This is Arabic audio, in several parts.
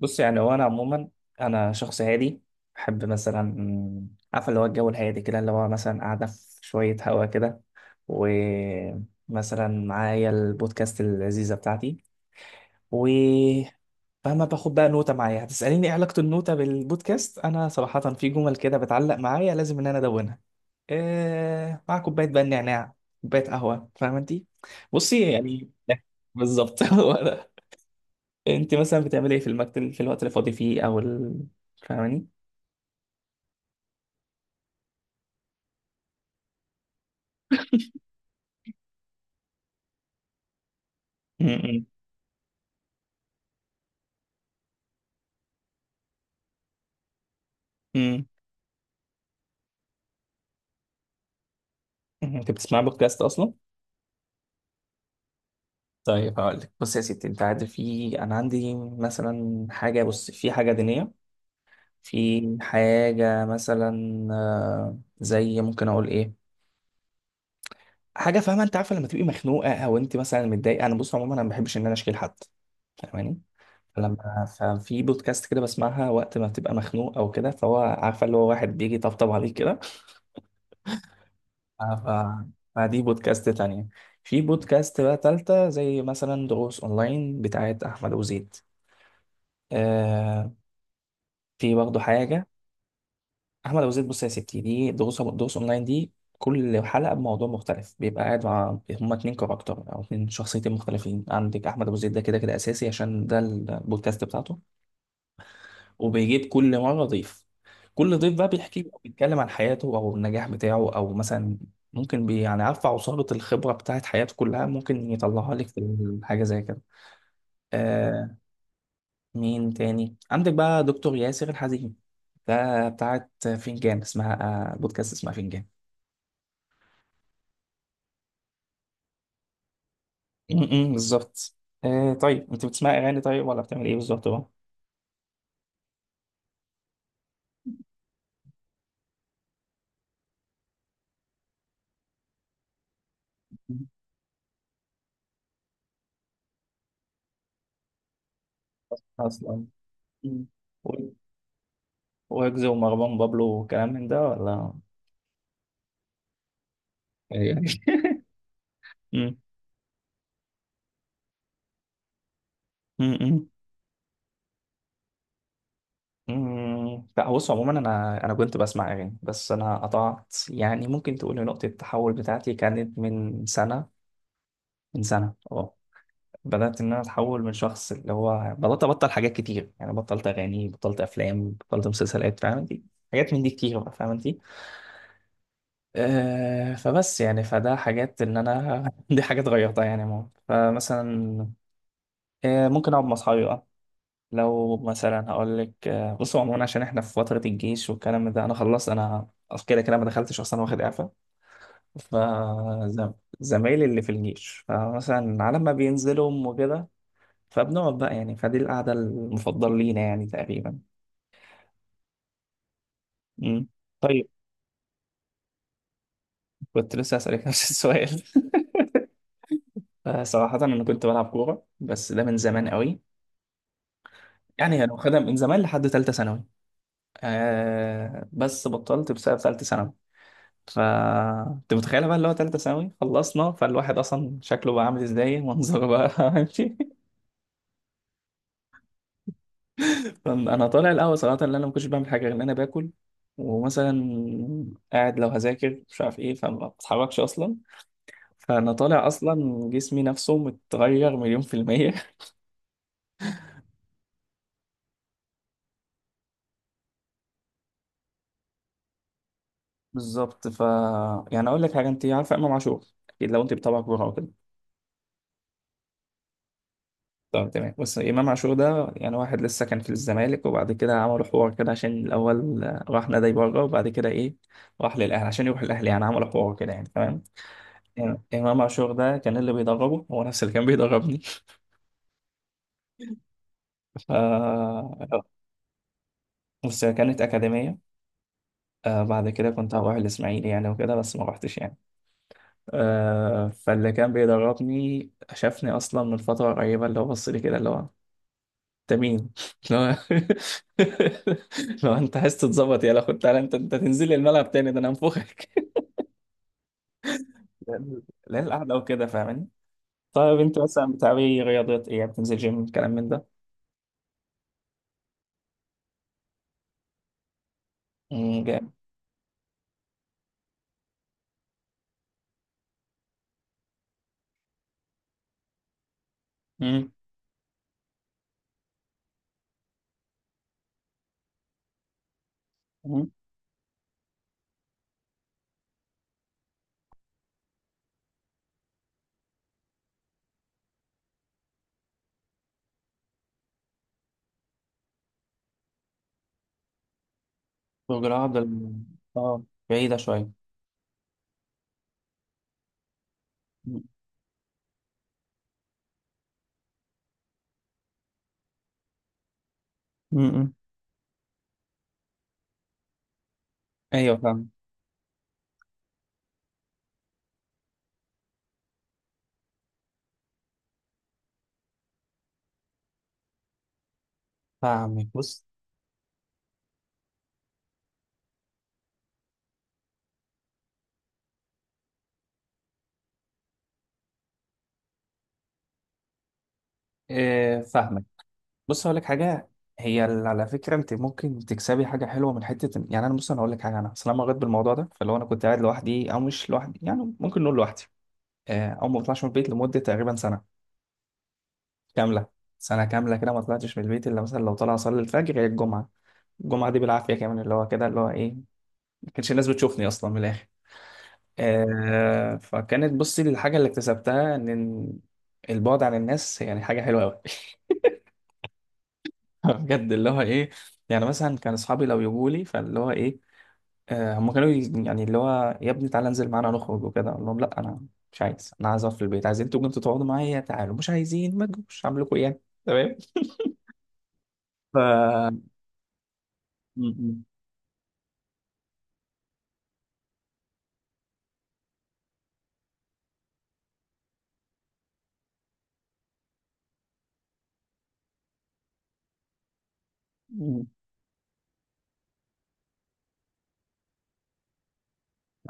بص يعني هو انا عموما، انا شخص هادي. بحب مثلا عارف اللي هو الجو الهادي كده، اللي هو مثلا قاعده في شويه هوا كده ومثلا معايا البودكاست اللذيذه بتاعتي. و فاهمة، باخد بقى نوتة معايا. هتسأليني ايه علاقة النوتة بالبودكاست؟ انا صراحة في جمل كده بتعلق معايا لازم ان انا ادونها. إيه مع كوباية بقى النعناع، كوباية قهوة، فاهمة انتي؟ بصي يعني بالظبط انت مثلا بتعملي ايه في المكتب في الوقت اللي فاضي فيه او فاهماني؟ امم. امم. انت بتسمع بودكاست اصلا؟ طيب هقول لك. بص يا ستي، انت عارف في انا عندي مثلا حاجه، بص في حاجه دينيه، في حاجه مثلا آه، زي ممكن اقول ايه، حاجه فاهمه، انت عارفه لما تبقي مخنوقه او انت مثلا متضايقه. انا بص عموما انا ما بحبش ان انا اشكي لحد، فاهماني؟ فلما ففي بودكاست كده بسمعها وقت ما بتبقى مخنوق او كده، فهو عارفه اللي هو واحد بيجي يطبطب عليك. آه، فدي بودكاست تانية. في بودكاست بقى تالتة، زي مثلا دروس أونلاين بتاعت أحمد أبو زيد. آه. في برضه حاجة. أحمد أبو زيد، بص يا ستي، دي دروس أونلاين. دي كل حلقة بموضوع مختلف، بيبقى قاعد مع هما اتنين كاركتر أو اتنين شخصيتين مختلفين. عندك أحمد أبو زيد ده كده كده أساسي عشان ده البودكاست بتاعته. وبيجيب كل مرة ضيف، كل ضيف بقى بيحكي له، بيتكلم عن حياته او النجاح بتاعه، او مثلا ممكن يعني عارفة، عصارة الخبرة بتاعت حياته كلها ممكن يطلعها لك في حاجة زي كده. آه. مين تاني عندك بقى؟ دكتور ياسر الحزيمي، ده بتاعت فنجان اسمها. آه، بودكاست اسمها فنجان. م- م، بالظبط. آه، طيب انت بتسمع اغاني طيب ولا بتعمل ايه بالظبط بقى؟ مم. اصلا م. ويجز ومروان بابلو وكلام من ده ولا ايه يعني؟ م- م- م. مم، لا. بص عموما انا كنت بسمع اغاني، بس انا قطعت يعني. ممكن تقول إن نقطه التحول بتاعتي كانت من سنه اه. بدات ان انا اتحول من شخص اللي هو بدات ابطل حاجات كتير، يعني بطلت اغاني، بطلت افلام، بطلت مسلسلات، فاهم انت؟ حاجات من دي كتير بقى، فاهم انت؟ آه، فبس يعني فده حاجات ان انا دي حاجات غيرتها يعني ماما. فمثلا آه ممكن اقعد مع اصحابي. لو مثلا هقول لك، بصوا عموما عشان احنا في فترة الجيش والكلام ده، انا خلصت، انا أصل كده كده ما دخلتش اصلا، واخد اعفاء. فزمايلي اللي في الجيش، فمثلا على ما بينزلوا وكده، فبنقعد بقى يعني، فدي القعدة المفضلة لينا يعني تقريبا. مم. طيب، كنت لسه هسألك نفس السؤال آه، صراحة أنا كنت بلعب كورة، بس ده من زمان قوي. يعني أنا واخدها من زمان لحد تالتة ثانوي. آه بس بطلت بسبب تالتة ثانوي. ف انت متخيله بقى اللي هو تالتة ثانوي خلصنا، فالواحد اصلا شكله بقى عامل ازاي، منظره بقى ماشي؟ انا طالع الاول صراحه ان انا ما كنتش بعمل حاجه غير ان انا باكل. ومثلا قاعد لو هذاكر مش عارف ايه، فما بتحركش اصلا. فانا طالع اصلا جسمي نفسه متغير مليون في الميه بالظبط. ف يعني اقول لك حاجه، انت عارفه امام عاشور؟ اكيد لو انت بتابعك بره وكده. طب تمام، بص، امام عاشور ده يعني واحد لسه كان في الزمالك، وبعد كده عملوا حوار كده عشان الاول آه، راح نادي بره، وبعد كده ايه، راح للاهلي، عشان يروح الاهلي، يعني عملوا حوار كده يعني، تمام؟ يعني امام عاشور ده كان اللي بيدربه هو نفس اللي كان بيدربني. ف بص، هي كانت اكاديميه. آه، بعد كده كنت هروح الاسماعيلي يعني وكده، بس ما رحتش يعني. آه، فاللي كان بيدربني شافني اصلا من فتره قريبه، اللي هو بص لي كده اللي هو، انت مين؟ لو لو انت عايز تتظبط يلا خد تعالى، انت انت تنزل لي الملعب تاني ده انا هنفخك. لا، لا، القعده وكده، فاهماني؟ طيب انت مثلا بتعملي رياضات ايه؟ يعني بتنزل جيم، الكلام من ده؟ جامد. امم، امم. برج العرب اه، بعيده شويه. امم، امم. ايوه فاهم. فاهمك، بص. اه، فاهمك. بص هقول لك حاجه، هي على فكره انت ممكن تكسبي حاجه حلوه من حته يعني انا، بص انا هقول لك حاجه، انا اصل انا مريت بالموضوع ده. فلو انا كنت قاعد لوحدي او مش لوحدي، يعني ممكن نقول لوحدي، آه، او ما بطلعش من البيت لمده تقريبا سنه كامله. سنه كامله كده ما طلعتش من البيت، الا مثلا لو طلع اصلي الفجر، هي الجمعه. الجمعه دي بالعافيه كمان، اللي هو كده اللي هو ايه، ما كانش الناس بتشوفني اصلا، من الاخر. آه، فكانت بصي الحاجه اللي اكتسبتها ان البعد عن الناس يعني حاجه حلوه قوي بجد اللي هو ايه، يعني مثلا كان اصحابي لو يجوا لي فاللي هو ايه، آه، هم كانوا يعني اللي هو يا ابني تعالى انزل معانا نخرج وكده، اقول لهم لا، انا مش عايز، انا عايز اقعد في البيت. عايزين تقوموا انتوا تقعدوا معايا، تعالوا، مش عايزين، ما تجوش، اعمل لكم ايه يعني؟ تمام. ف م- م. م.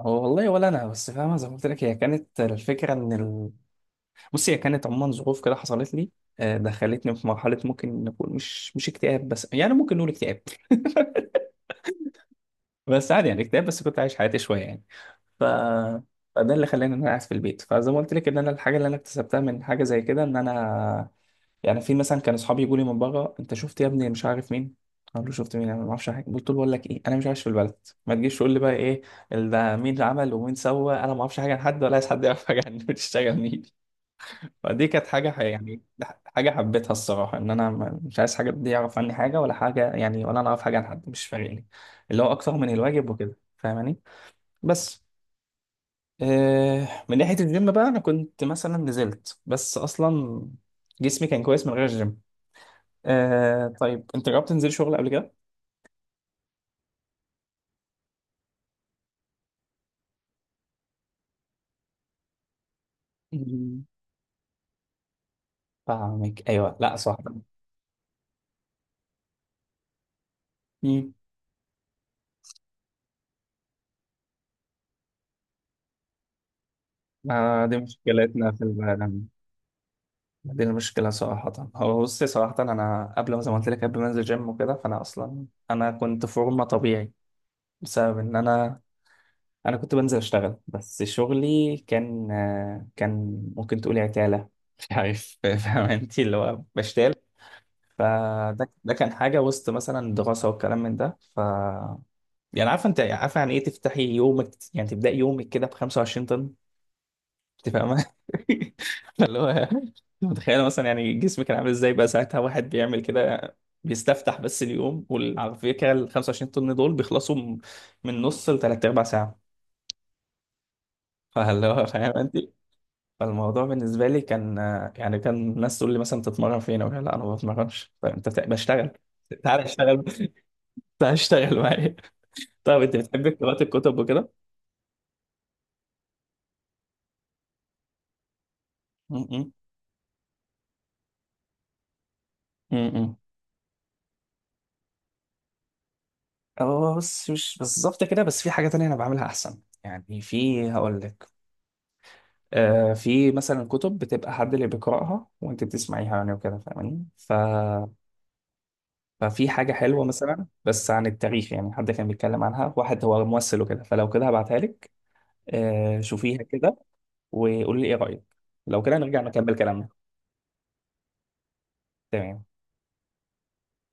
هو والله ولا انا، بس فاهمه زي ما قلت لك هي كانت الفكره ان بصي هي كانت عموما ظروف كده حصلت لي، آه، دخلتني في مرحله ممكن نقول مش اكتئاب، بس يعني ممكن نقول اكتئاب بس عادي، يعني اكتئاب بس كنت عايش حياتي شويه يعني. ف فده اللي خلاني ان انا قاعد في البيت. فزي ما قلت لك ان انا الحاجه اللي انا اكتسبتها من حاجه زي كده ان انا يعني، في مثلا كان اصحابي يقولوا لي من بره، انت شفت يا ابني مش عارف مين، اقول له شفت مين؟ انا ما اعرفش حاجه. قلت له بقول لك ايه، انا مش عايش في البلد، ما تجيش تقول لي بقى ايه ده مين اللي عمل ومين سوى، انا ما اعرفش حاجه عن حد، ولا عايز حد يعرف حاجه عني، بتشتغل مين. فدي كانت حاجه يعني حاجه حبيتها الصراحه، ان انا مش عايز حاجه، دي يعرف عني حاجه ولا حاجه يعني، ولا انا اعرف حاجه عن حد مش فارقني، اللي هو اكتر من الواجب وكده، فاهماني؟ بس. آه، من ناحيه الجيم بقى، انا كنت مثلا نزلت، بس اصلا جسمي كان كويس من غير الجيم. آه، طيب انت جربت تنزل شغل قبل كده؟ مم. فاهمك. ايوه، لا صح. مم. آه دي مشكلتنا في العالم. دي المشكلة صراحة. هو بصي صراحة، أنا قبل ما، زي ما قلت لك، قبل ما أنزل جيم وكده، فأنا أصلا أنا كنت فورمة طبيعي، بسبب إن أنا أنا كنت بنزل أشتغل، بس شغلي كان آه كان ممكن تقولي عتالة، مش عارف فاهم أنت، اللي هو بشتال. فده كان حاجة وسط مثلا الدراسة والكلام من ده. ف يعني عارفه، انت عارفه يعني ايه تفتحي يومك، يعني تبداي يومك كده ب 25 طن؟ انت فاهمه؟ اللي هو، متخيله مثلا يعني جسمك كان عامل ازاي بقى ساعتها واحد بيعمل كده، بيستفتح بس اليوم؟ وعلى فكره ال 25 طن دول بيخلصوا من نص لثلاث ارباع ساعه. فاللي هو، فاهم انت؟ فالموضوع بالنسبه لي كان، يعني كان الناس تقول لي مثلا تتمرن فين؟ اقول لها لا انا ما بتمرنش. فانت بشتغل؟ تعال اشتغل، تعال اشتغل معايا. طب انت بتحب قراءه الكتب وكده؟ م- م- م- م. هو بص مش بالظبط كده، بس في حاجة تانية أنا بعملها أحسن يعني، في هقول لك. آه، في مثلا كتب بتبقى حد اللي بيقرأها وأنت بتسمعيها يعني وكده، فاهماني؟ ففي حاجة حلوة مثلا بس عن التاريخ، يعني حد كان بيتكلم عنها واحد هو ممثل وكده، فلو كده هبعتها لك. آه شوفيها كده، وقولي لي إيه رأيك. لو كده نرجع نكمل كلامنا. تمام.